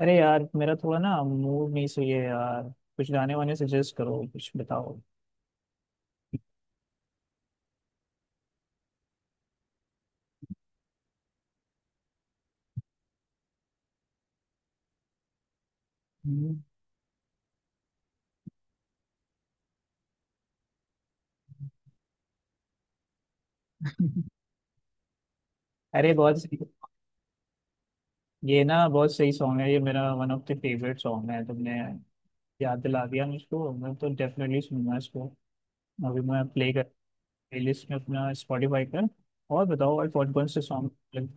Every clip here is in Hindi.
अरे यार, मेरा थोड़ा ना मूड नहीं सही है यार। कुछ गाने वाने सजेस्ट करो, कुछ बताओ। हम्म। अरे बहुत सही- ये ना बहुत सही सॉन्ग है, ये मेरा one of the favourite song है। तुमने याद दिला दिया मुझको, मैं तो डेफिनेटली सुनूंगा इसको। अभी मैं प्ले कर प्लेलिस्ट में अपना स्पॉटिफाई पर। और बताओ, और कौन कौन से सॉन्ग?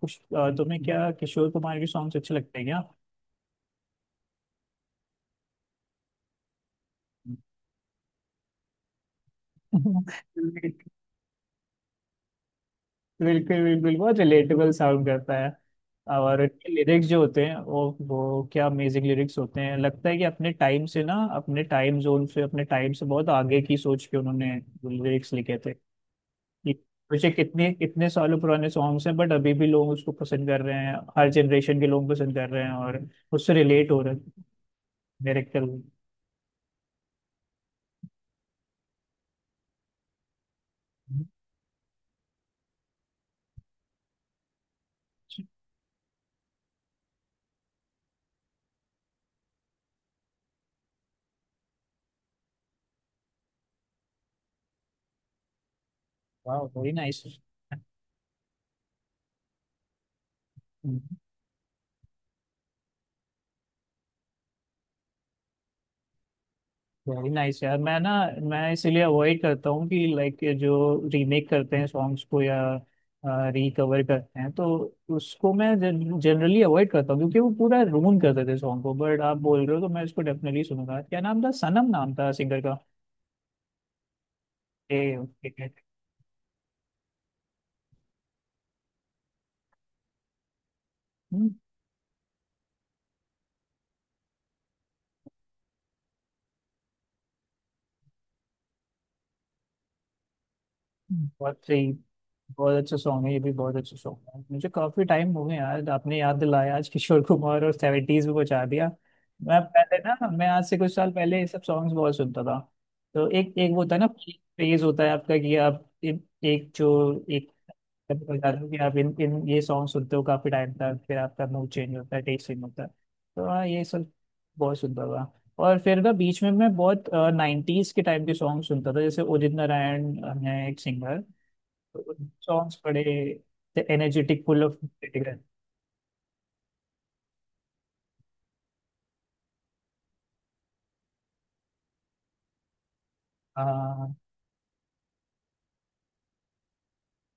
तुम्हें क्या किशोर कुमार के सॉन्ग्स अच्छे लगते हैं? क्या। बिल्कुल बिल्कुल, बहुत रिलेटेबल साउंड करता है। और इनके लिरिक्स जो होते हैं वो क्या अमेजिंग लिरिक्स होते हैं। लगता है कि अपने टाइम से ना, अपने टाइम जोन से, अपने टाइम से बहुत आगे की सोच के उन्होंने लिरिक्स लिखे थे। कि मुझे कितने कितने सालों पुराने सॉन्ग्स हैं बट अभी भी लोग उसको पसंद कर रहे हैं, हर जनरेशन के लोग पसंद कर रहे हैं और उससे रिलेट हो रहे हैं। डायरेक्टर। वाह, वेरी नाइस। वेरी नाइस यार। मैं इसीलिए अवॉइड करता हूँ कि लाइक जो रीमेक करते हैं सॉन्ग्स को या रिकवर करते हैं, तो उसको मैं जनरली अवॉइड करता हूँ, क्योंकि वो पूरा रूल कर देते सॉन्ग को। बट आप बोल रहे हो तो मैं इसको डेफिनेटली सुनूंगा। क्या नाम था? सनम नाम था सिंगर का। ए, ओके। बहुत सही। बहुत अच्छा सॉन्ग है, ये भी बहुत अच्छा सॉन्ग है। मुझे काफी टाइम हो गया यार, आपने याद दिलाया आज किशोर कुमार और 70s में पहुंचा दिया। मैं पहले ना मैं आज से कुछ साल पहले ये सब सॉन्ग्स बहुत सुनता था। तो एक एक वो होता है ना, फेज होता है आपका, कि आप एक जाते हो, कि आप इन इन ये सॉन्ग सुनते हो काफी टाइम तक, फिर आपका मूड चेंज होता है, टेस्ट चेंज होता है। तो हाँ, ये सब बहुत सुनता था। और फिर ना बीच में मैं बहुत 90s के टाइम के सॉन्ग सुनता था, जैसे उदित नारायण हैं एक सिंगर। सॉन्ग्स बड़े एनर्जेटिक, फुल ऑफ इंटीग्रेशन। हाँ।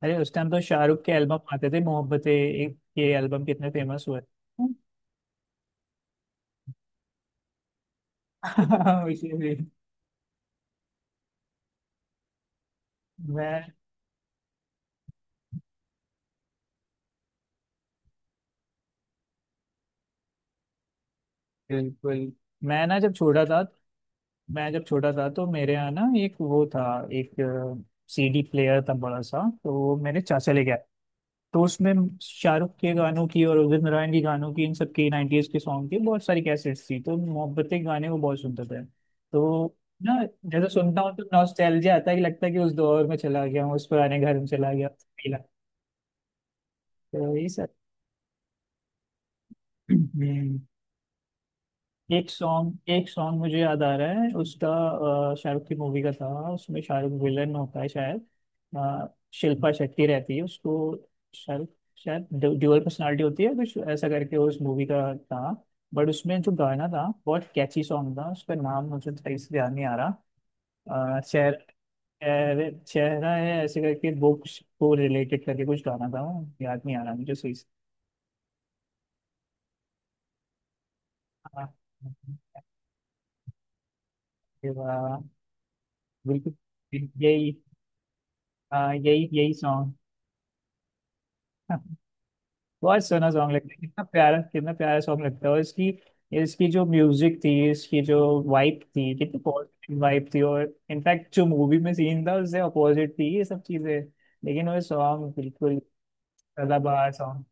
अरे, उस टाइम तो शाहरुख के एल्बम आते थे, मोहब्बतें, एक ये एल्बम कितने फेमस हुए। हाँ, इसीलिए मैं। बिल्कुल। मैं ना जब छोटा था मैं जब छोटा था तो मेरे यहाँ ना एक सीडी प्लेयर था बड़ा सा, तो वो मेरे चाचा लेके, तो उसमें शाहरुख के गानों की और उदित नारायण के गानों की, इन सब की, 90s के सॉन्ग की बहुत सारी कैसेट्स थी। तो मोहब्बतें के गाने को बहुत सुनता था। तो ना, जैसे सुनता हूँ तो नॉस्टैल्जिया आता है, कि लगता है कि उस दौर में चला गया हूँ, उस पुराने घर में चला गया हूँ, फील आता है। तो यही सब। हम्म। एक सॉन्ग मुझे याद आ रहा है उसका। शाहरुख की मूवी का था, उसमें शाहरुख विलन होता है शायद। अ, शिल्पा शेट्टी रहती है, उसको शाहरुख शायद ड्यूअल पर्सनालिटी होती है, कुछ ऐसा करके उस मूवी का था। बट उसमें जो गाना था, बहुत कैची सॉन्ग था, उसका नाम मुझे सही से ध्यान नहीं आ रहा। अ, चेहर, चेहरे चेहरा है ऐसे करके, बुक्स को रिलेटेड करके कुछ गाना था, वो याद नहीं आ रहा मुझे सही से। हाँ, ये वाला, बिल्कुल, यही। हाँ, यही यही सॉन्ग। हाँ, बहुत सोना सॉन्ग लगता है, कितना प्यारा सॉन्ग लगता है। और इसकी इसकी जो म्यूजिक थी, इसकी जो वाइब थी, कितनी पॉजिटिव वाइब थी, और इनफैक्ट जो मूवी में सीन था उससे अपोजिट थी ये सब चीजें। लेकिन वो सॉन्ग बिल्कुल सदाबहार सॉन्ग।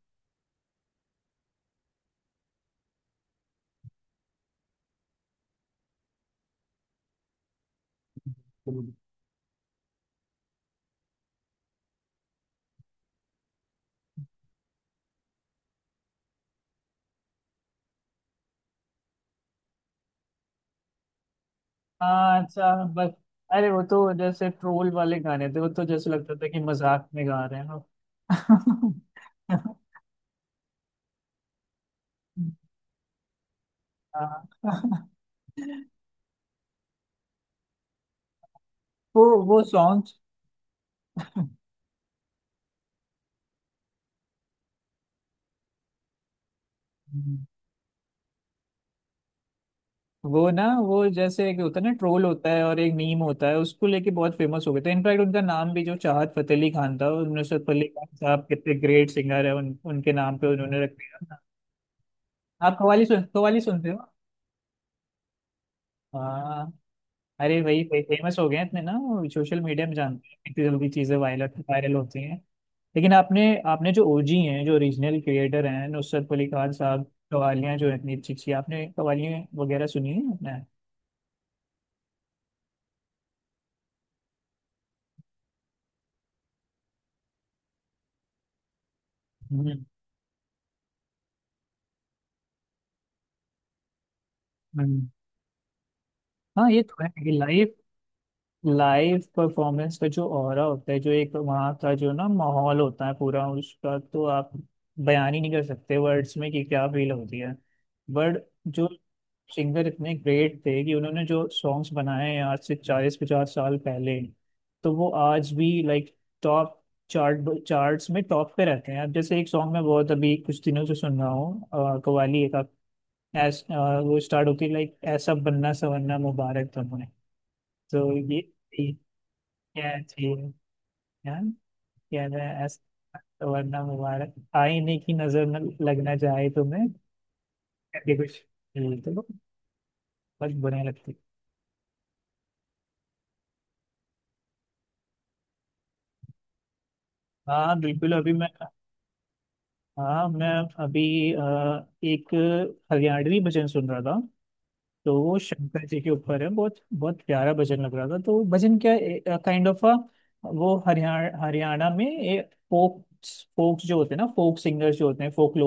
हाँ, अच्छा, बस। अरे, वो तो जैसे ट्रोल वाले गाने थे, वो तो जैसे लगता था कि मजाक में गा रहे हैं हम। हाँ। वो वो सॉन्ग वो जैसे एक होता है ना ट्रोल, होता है और एक मीम होता है, उसको लेके बहुत फेमस हो गए थे। इनफैक्ट उनका नाम भी जो चाहत फतेह अली खान था, और नुसरत फतेह अली खान साहब कितने ग्रेट सिंगर है, उनके नाम पे उन्होंने रख दिया था। आप कव्वाली सुनते हो? हाँ। अरे वही वही फेमस हो गए हैं इतने ना, सोशल मीडिया में जानते हैं इतनी जल्दी चीजें वायरल वायरल होती हैं। लेकिन आपने आपने जो ओजी हैं, जो रीजनल क्रिएटर हैं, नुसरत फतेह अली खान साहब, कवालियाँ जो इतनी अच्छी अच्छी, आपने कवालियाँ वगैरह सुनी है आपने? हम्म हम्म। हाँ ये तो है। लाइफ, लाइव परफॉर्मेंस का जो ऑरा होता है, जो एक वहाँ का जो ना माहौल होता है पूरा उसका, तो आप बयान ही नहीं कर सकते वर्ड्स में कि क्या फील होती है। बट जो सिंगर इतने ग्रेट थे कि उन्होंने जो सॉन्ग्स बनाए हैं आज से 40-50 साल पहले, तो वो आज भी लाइक टॉप, चार्ट्स में टॉप पे रहते हैं। अब जैसे एक सॉन्ग मैं बहुत अभी कुछ दिनों से सुन रहा हूँ, कव्वाली, एक ऐस, अ, वो स्टार्ट होती है लाइक, ऐसा बनना सवरना मुबारक तुम्हें, तो ये क्या चाहिए यार, क्या है ऐसा, वरना मुबारक आईने की नजर न लगना चाहे तुम्हें, करके कुछ बोलते हो, बस बुरा लगते। हाँ, बिल्कुल। अभी मैं, हाँ मैं अभी अ, एक हरियाणवी भजन सुन रहा था, तो वो शंकर जी के ऊपर है, बहुत बहुत प्यारा भजन लग रहा था। तो भजन क्या, काइंड ऑफ अ, वो हरियाणा हरियाणा में ए, फोक फोक्स जो होते हैं ना, फोक सिंगर्स जो होते हैं फोक,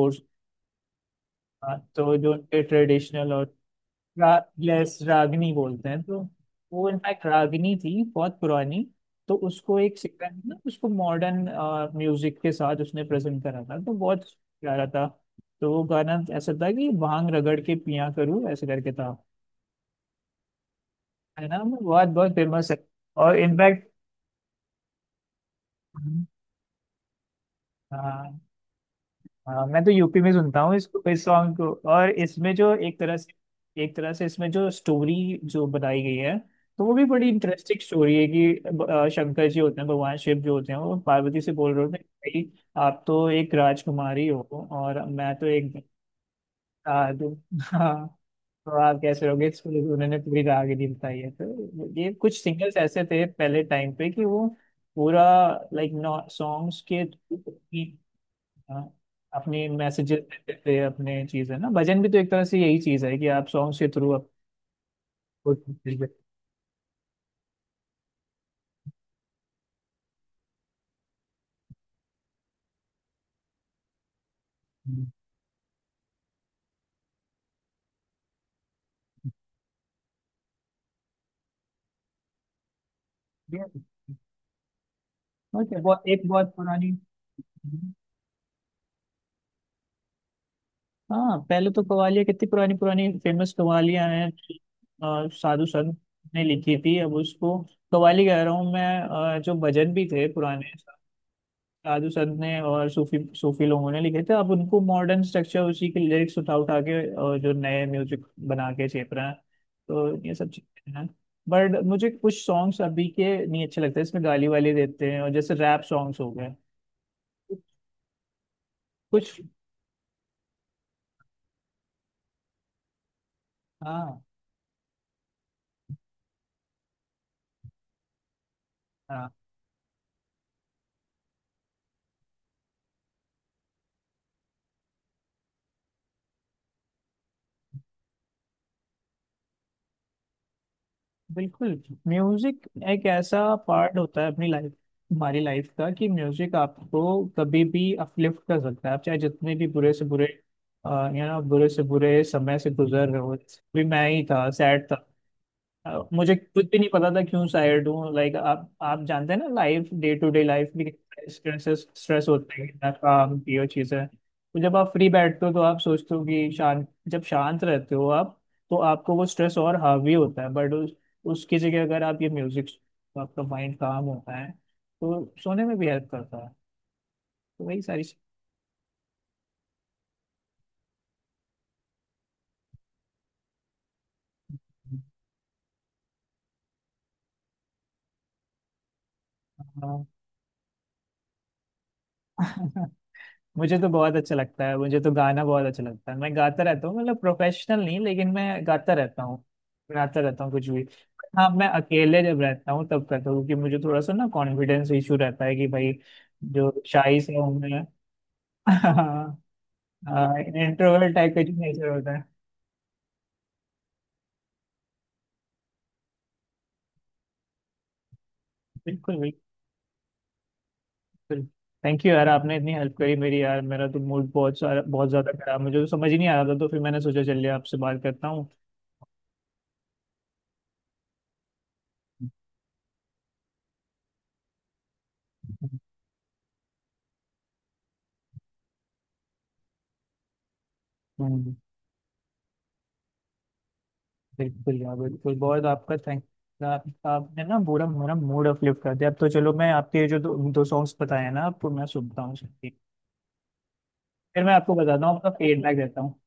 हाँ, तो जो उनके ट्रेडिशनल, और लेस रागनी बोलते हैं। तो वो इनफैक्ट रागनी थी बहुत पुरानी, तो उसको एक सिक्का है ना, उसको मॉडर्न म्यूजिक के साथ उसने प्रेजेंट करा था, तो बहुत प्यारा था। तो वो गाना ऐसा था कि भांग रगड़ के पिया करूँ, ऐसे करके था, है ना, वो बहुत बहुत फेमस है। और इनफैक्ट हाँ, मैं तो यूपी में सुनता हूँ इसको, इस सॉन्ग को, और इसमें जो एक तरह से, एक तरह से इसमें जो स्टोरी जो बताई गई है, तो वो भी बड़ी इंटरेस्टिंग स्टोरी है, कि शंकर जी होते हैं, भगवान शिव जो होते हैं, वो पार्वती से बोल रहे होते हैं, भाई आप तो एक राजकुमारी हो, और मैं तो एक, आ, तो, हाँ, तो आप कैसे रहोगे, इसको लेके उन्होंने पूरी राहगीरी बताई है। तो ये कुछ सिंगर्स ऐसे थे पहले टाइम पे कि वो पूरा लाइक सॉन्ग्स के, हाँ, अपनी मैसेजेस देते हैं अपने, चीज है ना, भजन भी तो एक तरह से यही चीज है, कि आप सॉन्ग्स के थ्रू आप कुछ चीज़ है। हम्म। ओके, बहुत एक बहुत पुरानी। हाँ, पहले तो कवालियाँ कितनी पुरानी पुरानी फेमस कवालियाँ हैं, साधु संत ने लिखी थी, अब उसको कवाली कह रहा हूँ मैं, जो भजन भी थे पुराने, साधु संत ने और सूफी सूफी लोगों ने लिखे थे, अब उनको मॉडर्न स्ट्रक्चर, उसी के लिरिक्स उठा उठा के, और जो नए म्यूजिक बना के छेप रहे हैं, तो ये सब चीजें हैं। बट मुझे कुछ सॉन्ग्स अभी के नहीं अच्छे लगते, इसमें गाली वाली देते हैं, और जैसे रैप सॉन्ग्स हो गए, कुछ। हाँ हाँ। बिल्कुल, म्यूजिक एक ऐसा पार्ट होता है अपनी लाइफ, हमारी लाइफ का, कि म्यूजिक आपको कभी भी अपलिफ्ट कर सकता है, आप चाहे जितने भी बुरे से बुरे बुरे से बुरे समय से गुजर रहे हो, भी मैं ही था, सैड था। मुझे खुद भी नहीं पता था क्यों सैड हूँ, लाइक आप जानते हैं ना life, day to day life भी स्ट्रेस स्ट्रेस होता है, कितना काम की वो चीज़ है, तो जब आप फ्री बैठते हो तो आप सोचते हो कि शांत, जब शांत रहते हो आप, तो आपको वो स्ट्रेस और हावी होता है। बट उसकी जगह अगर आप ये म्यूजिक, तो आपका माइंड काम होता है, तो सोने में भी हेल्प करता है, तो वही सारी चीज़-। हाँ। मुझे तो बहुत अच्छा लगता है, मुझे तो गाना बहुत अच्छा लगता है, मैं गाता रहता हूँ, मतलब प्रोफेशनल नहीं लेकिन मैं गाता रहता हूँ, गाता रहता हूँ कुछ भी। हाँ, मैं अकेले जब रहता हूँ तब करता हूँ, क्योंकि मुझे थोड़ा सा ना कॉन्फिडेंस इशू रहता है, कि भाई जो शाही से हूँ मैं। हाँ, इंट्रोवर्ट टाइप का जो नेचर होता है। बिल्कुल बिल्कुल। थैंक यू यार, आपने इतनी हेल्प करी मेरी, यार मेरा तो मूड बहुत सारा बहुत ज्यादा खराब, मुझे तो समझ ही नहीं आ रहा था, तो फिर मैंने सोचा चलिए आपसे बात करता हूँ। हम्म। बिल्कुल यार, बिल्कुल, बहुत आपका थैंक। आपने ना पूरा मेरा मूड अपलिफ्ट कर दिया, अब तो चलो, मैं आपके जो दो, दो सॉन्ग्स बताए हैं ना, आपको मैं सुनता हूँ सबके। फिर मैं आपको बताता हूँ, आपका फीडबैक देता हूँ।